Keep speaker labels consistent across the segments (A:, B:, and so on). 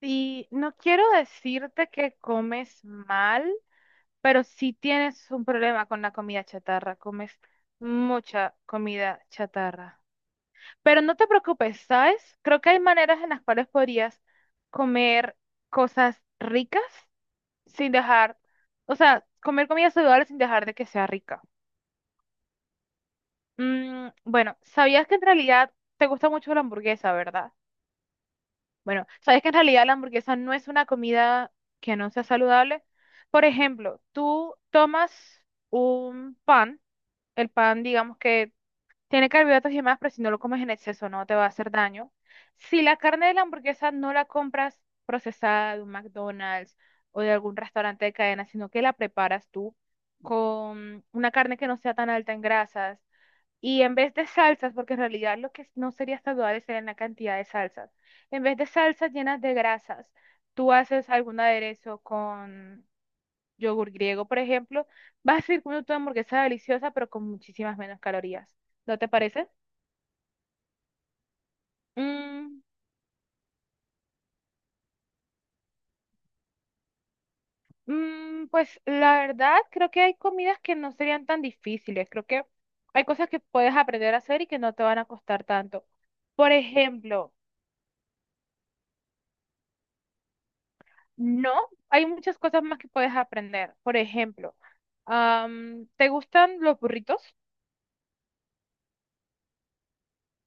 A: Y no quiero decirte que comes mal, pero sí tienes un problema con la comida chatarra, comes mucha comida chatarra. Pero no te preocupes, ¿sabes? Creo que hay maneras en las cuales podrías comer cosas ricas sin dejar, o sea, comer comida saludable sin dejar de que sea rica. Mm, bueno, sabías que en realidad te gusta mucho la hamburguesa, ¿verdad? Bueno, sabes que en realidad la hamburguesa no es una comida que no sea saludable. Por ejemplo, tú tomas un pan, el pan digamos que tiene carbohidratos y demás, pero si no lo comes en exceso no te va a hacer daño. Si la carne de la hamburguesa no la compras procesada de un McDonald's o de algún restaurante de cadena, sino que la preparas tú con una carne que no sea tan alta en grasas, y en vez de salsas, porque en realidad lo que no sería saludable sería la cantidad de salsas. En vez de salsas llenas de grasas, tú haces algún aderezo con yogur griego, por ejemplo, vas a seguir comiendo tu hamburguesa deliciosa, pero con muchísimas menos calorías. ¿No te parece? Mm, pues la verdad, creo que hay comidas que no serían tan difíciles. Creo que hay cosas que puedes aprender a hacer y que no te van a costar tanto. Por ejemplo, no, hay muchas cosas más que puedes aprender. Por ejemplo, ¿te gustan los burritos?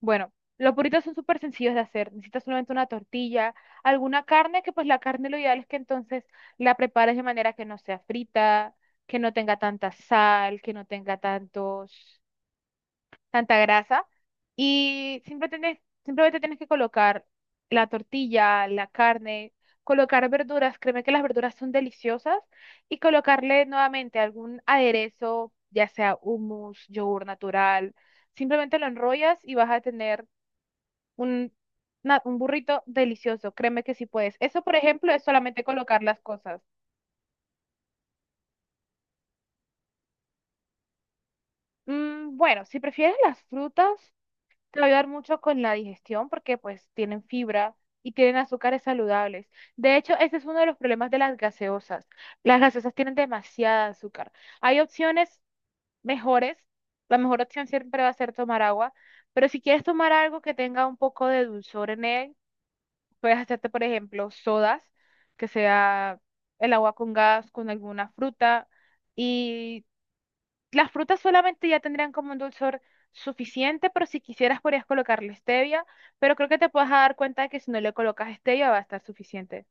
A: Bueno, los burritos son súper sencillos de hacer. Necesitas solamente una tortilla, alguna carne, que pues la carne lo ideal es que entonces la prepares de manera que no sea frita, que no tenga tanta sal, que no tenga tanta grasa y siempre simplemente tienes que colocar la tortilla, la carne, colocar verduras, créeme que las verduras son deliciosas y colocarle nuevamente algún aderezo, ya sea hummus, yogur natural, simplemente lo enrollas y vas a tener un, un burrito delicioso, créeme que sí puedes. Eso, por ejemplo, es solamente colocar las cosas. Mm, bueno, si prefieres las frutas, te va a ayudar mucho con la digestión porque pues tienen fibra y tienen azúcares saludables. De hecho, ese es uno de los problemas de las gaseosas. Las gaseosas tienen demasiada azúcar. Hay opciones mejores. La mejor opción siempre va a ser tomar agua, pero si quieres tomar algo que tenga un poco de dulzor en él, puedes hacerte, por ejemplo, sodas, que sea el agua con gas, con alguna fruta. Y las frutas solamente ya tendrían como un dulzor suficiente, pero si quisieras podrías colocarle stevia, pero creo que te puedes dar cuenta de que si no le colocas stevia va a estar suficiente.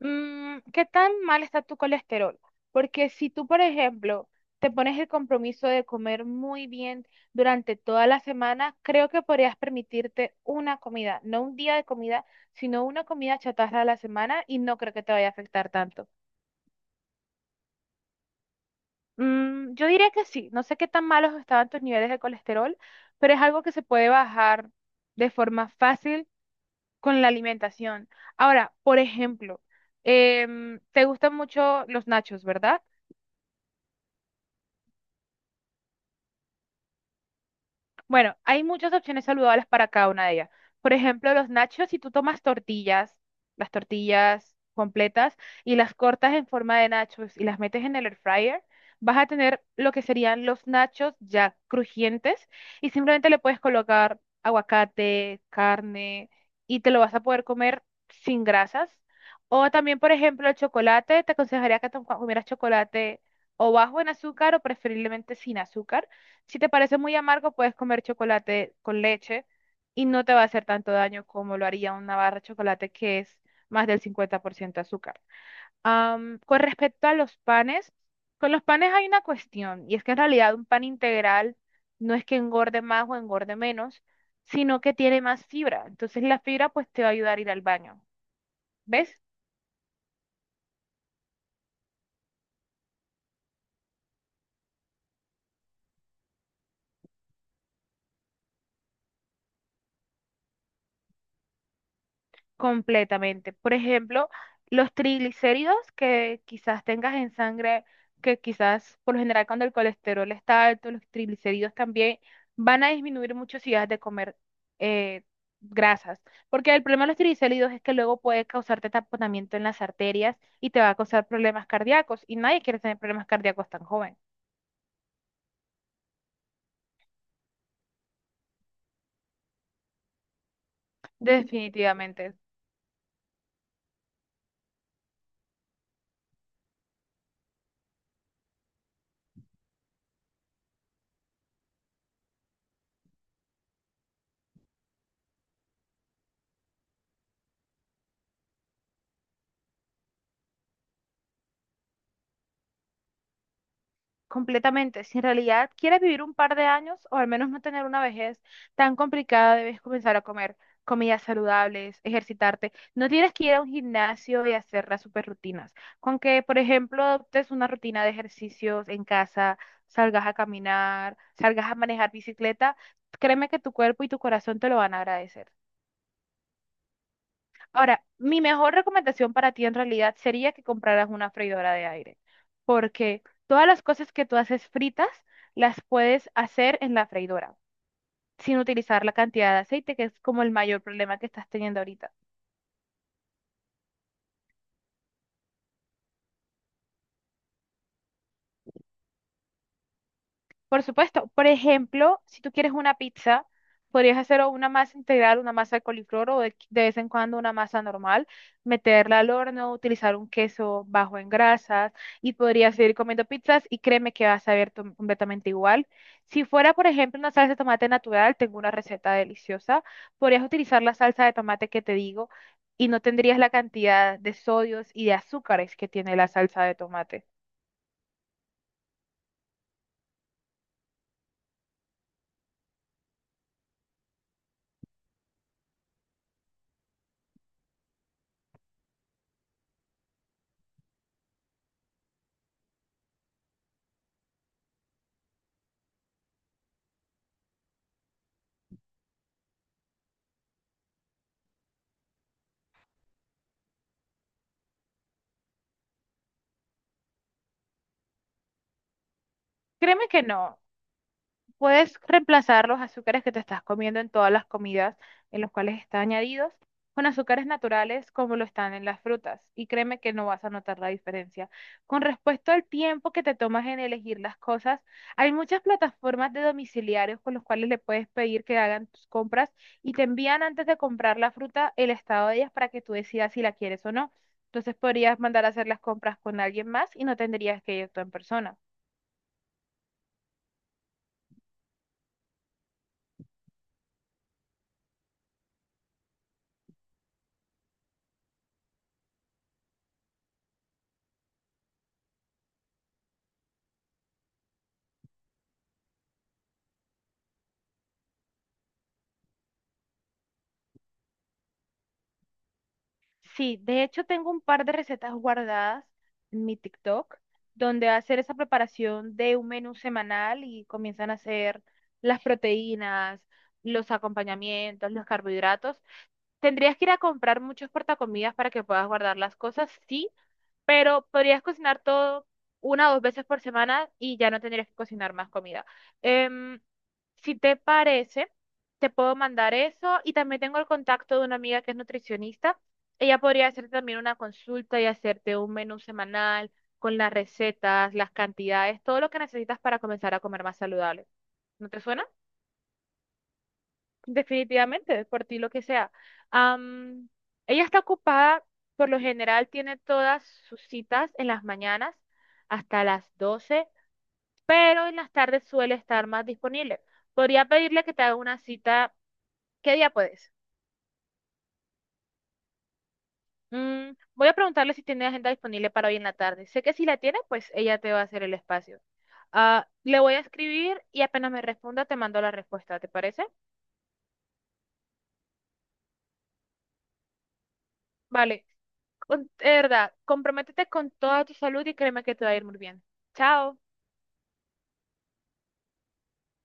A: Mm, ¿qué tan mal está tu colesterol? Porque si tú, por ejemplo, te pones el compromiso de comer muy bien durante toda la semana, creo que podrías permitirte una comida, no un día de comida, sino una comida chatarra a la semana y no creo que te vaya a afectar tanto. Mm, yo diría que sí. No sé qué tan malos estaban tus niveles de colesterol, pero es algo que se puede bajar de forma fácil con la alimentación. Ahora, por ejemplo, te gustan mucho los nachos, ¿verdad? Bueno, hay muchas opciones saludables para cada una de ellas. Por ejemplo, los nachos, si tú tomas tortillas, las tortillas completas y las cortas en forma de nachos y las metes en el air fryer, vas a tener lo que serían los nachos ya crujientes y simplemente le puedes colocar aguacate, carne y te lo vas a poder comer sin grasas. O también, por ejemplo, el chocolate, te aconsejaría que te comieras chocolate o bajo en azúcar o preferiblemente sin azúcar si te parece muy amargo, puedes comer chocolate con leche y no te va a hacer tanto daño como lo haría una barra de chocolate que es más del 50% azúcar. Con respecto a los panes, con los panes hay una cuestión y es que en realidad un pan integral no es que engorde más o engorde menos, sino que tiene más fibra. Entonces la fibra pues te va a ayudar a ir al baño. ¿Ves? Completamente. Por ejemplo, los triglicéridos que quizás tengas en sangre, que quizás por lo general cuando el colesterol está alto, los triglicéridos también van a disminuir mucho si dejas de comer eh, grasas. Porque el problema de los triglicéridos es que luego puede causarte taponamiento en las arterias y te va a causar problemas cardíacos y nadie quiere tener problemas cardíacos tan joven. Definitivamente. Completamente. Si en realidad quieres vivir un par de años o al menos no tener una vejez tan complicada, debes comenzar a comer comidas saludables, ejercitarte. No tienes que ir a un gimnasio y hacer las super rutinas. Con que, por ejemplo, adoptes una rutina de ejercicios en casa, salgas a caminar, salgas a manejar bicicleta, créeme que tu cuerpo y tu corazón te lo van a agradecer. Ahora, mi mejor recomendación para ti en realidad sería que compraras una freidora de aire, porque todas las cosas que tú haces fritas las puedes hacer en la freidora, sin utilizar la cantidad de aceite, que es como el mayor problema que estás teniendo ahorita. Por supuesto, por ejemplo, si tú quieres una pizza, podrías hacer o una masa integral, una masa de coliflor o de vez en cuando una masa normal, meterla al horno, utilizar un queso bajo en grasas y podrías seguir comiendo pizzas y créeme que vas a ver completamente igual. Si fuera, por ejemplo, una salsa de tomate natural, tengo una receta deliciosa, podrías utilizar la salsa de tomate que te digo y no tendrías la cantidad de sodios y de azúcares que tiene la salsa de tomate. Créeme que no. Puedes reemplazar los azúcares que te estás comiendo en todas las comidas en los cuales están añadidos con azúcares naturales como lo están en las frutas y créeme que no vas a notar la diferencia. Con respecto al tiempo que te tomas en elegir las cosas, hay muchas plataformas de domiciliarios con los cuales le puedes pedir que hagan tus compras y te envían antes de comprar la fruta el estado de ellas para que tú decidas si la quieres o no. Entonces podrías mandar a hacer las compras con alguien más y no tendrías que ir tú en persona. Sí, de hecho tengo un par de recetas guardadas en mi TikTok, donde hacer esa preparación de un menú semanal y comienzan a hacer las proteínas, los acompañamientos, los carbohidratos. ¿Tendrías que ir a comprar muchos portacomidas para que puedas guardar las cosas? Sí, pero podrías cocinar todo una o dos veces por semana y ya no tendrías que cocinar más comida. Em, si te parece, te puedo mandar eso y también tengo el contacto de una amiga que es nutricionista. Ella podría hacerte también una consulta y hacerte un menú semanal con las recetas, las cantidades, todo lo que necesitas para comenzar a comer más saludable. ¿No te suena? Definitivamente, por ti lo que sea. Am, ella está ocupada, por lo general tiene todas sus citas en las mañanas hasta las 12, pero en las tardes suele estar más disponible. Podría pedirle que te haga una cita. ¿Qué día puedes? Mm, voy a preguntarle si tiene agenda disponible para hoy en la tarde. Sé que si la tiene, pues ella te va a hacer el espacio. Ah, le voy a escribir y apenas me responda, te mando la respuesta, ¿te parece? Vale, de verdad, comprométete con toda tu salud y créeme que te va a ir muy bien. Chao.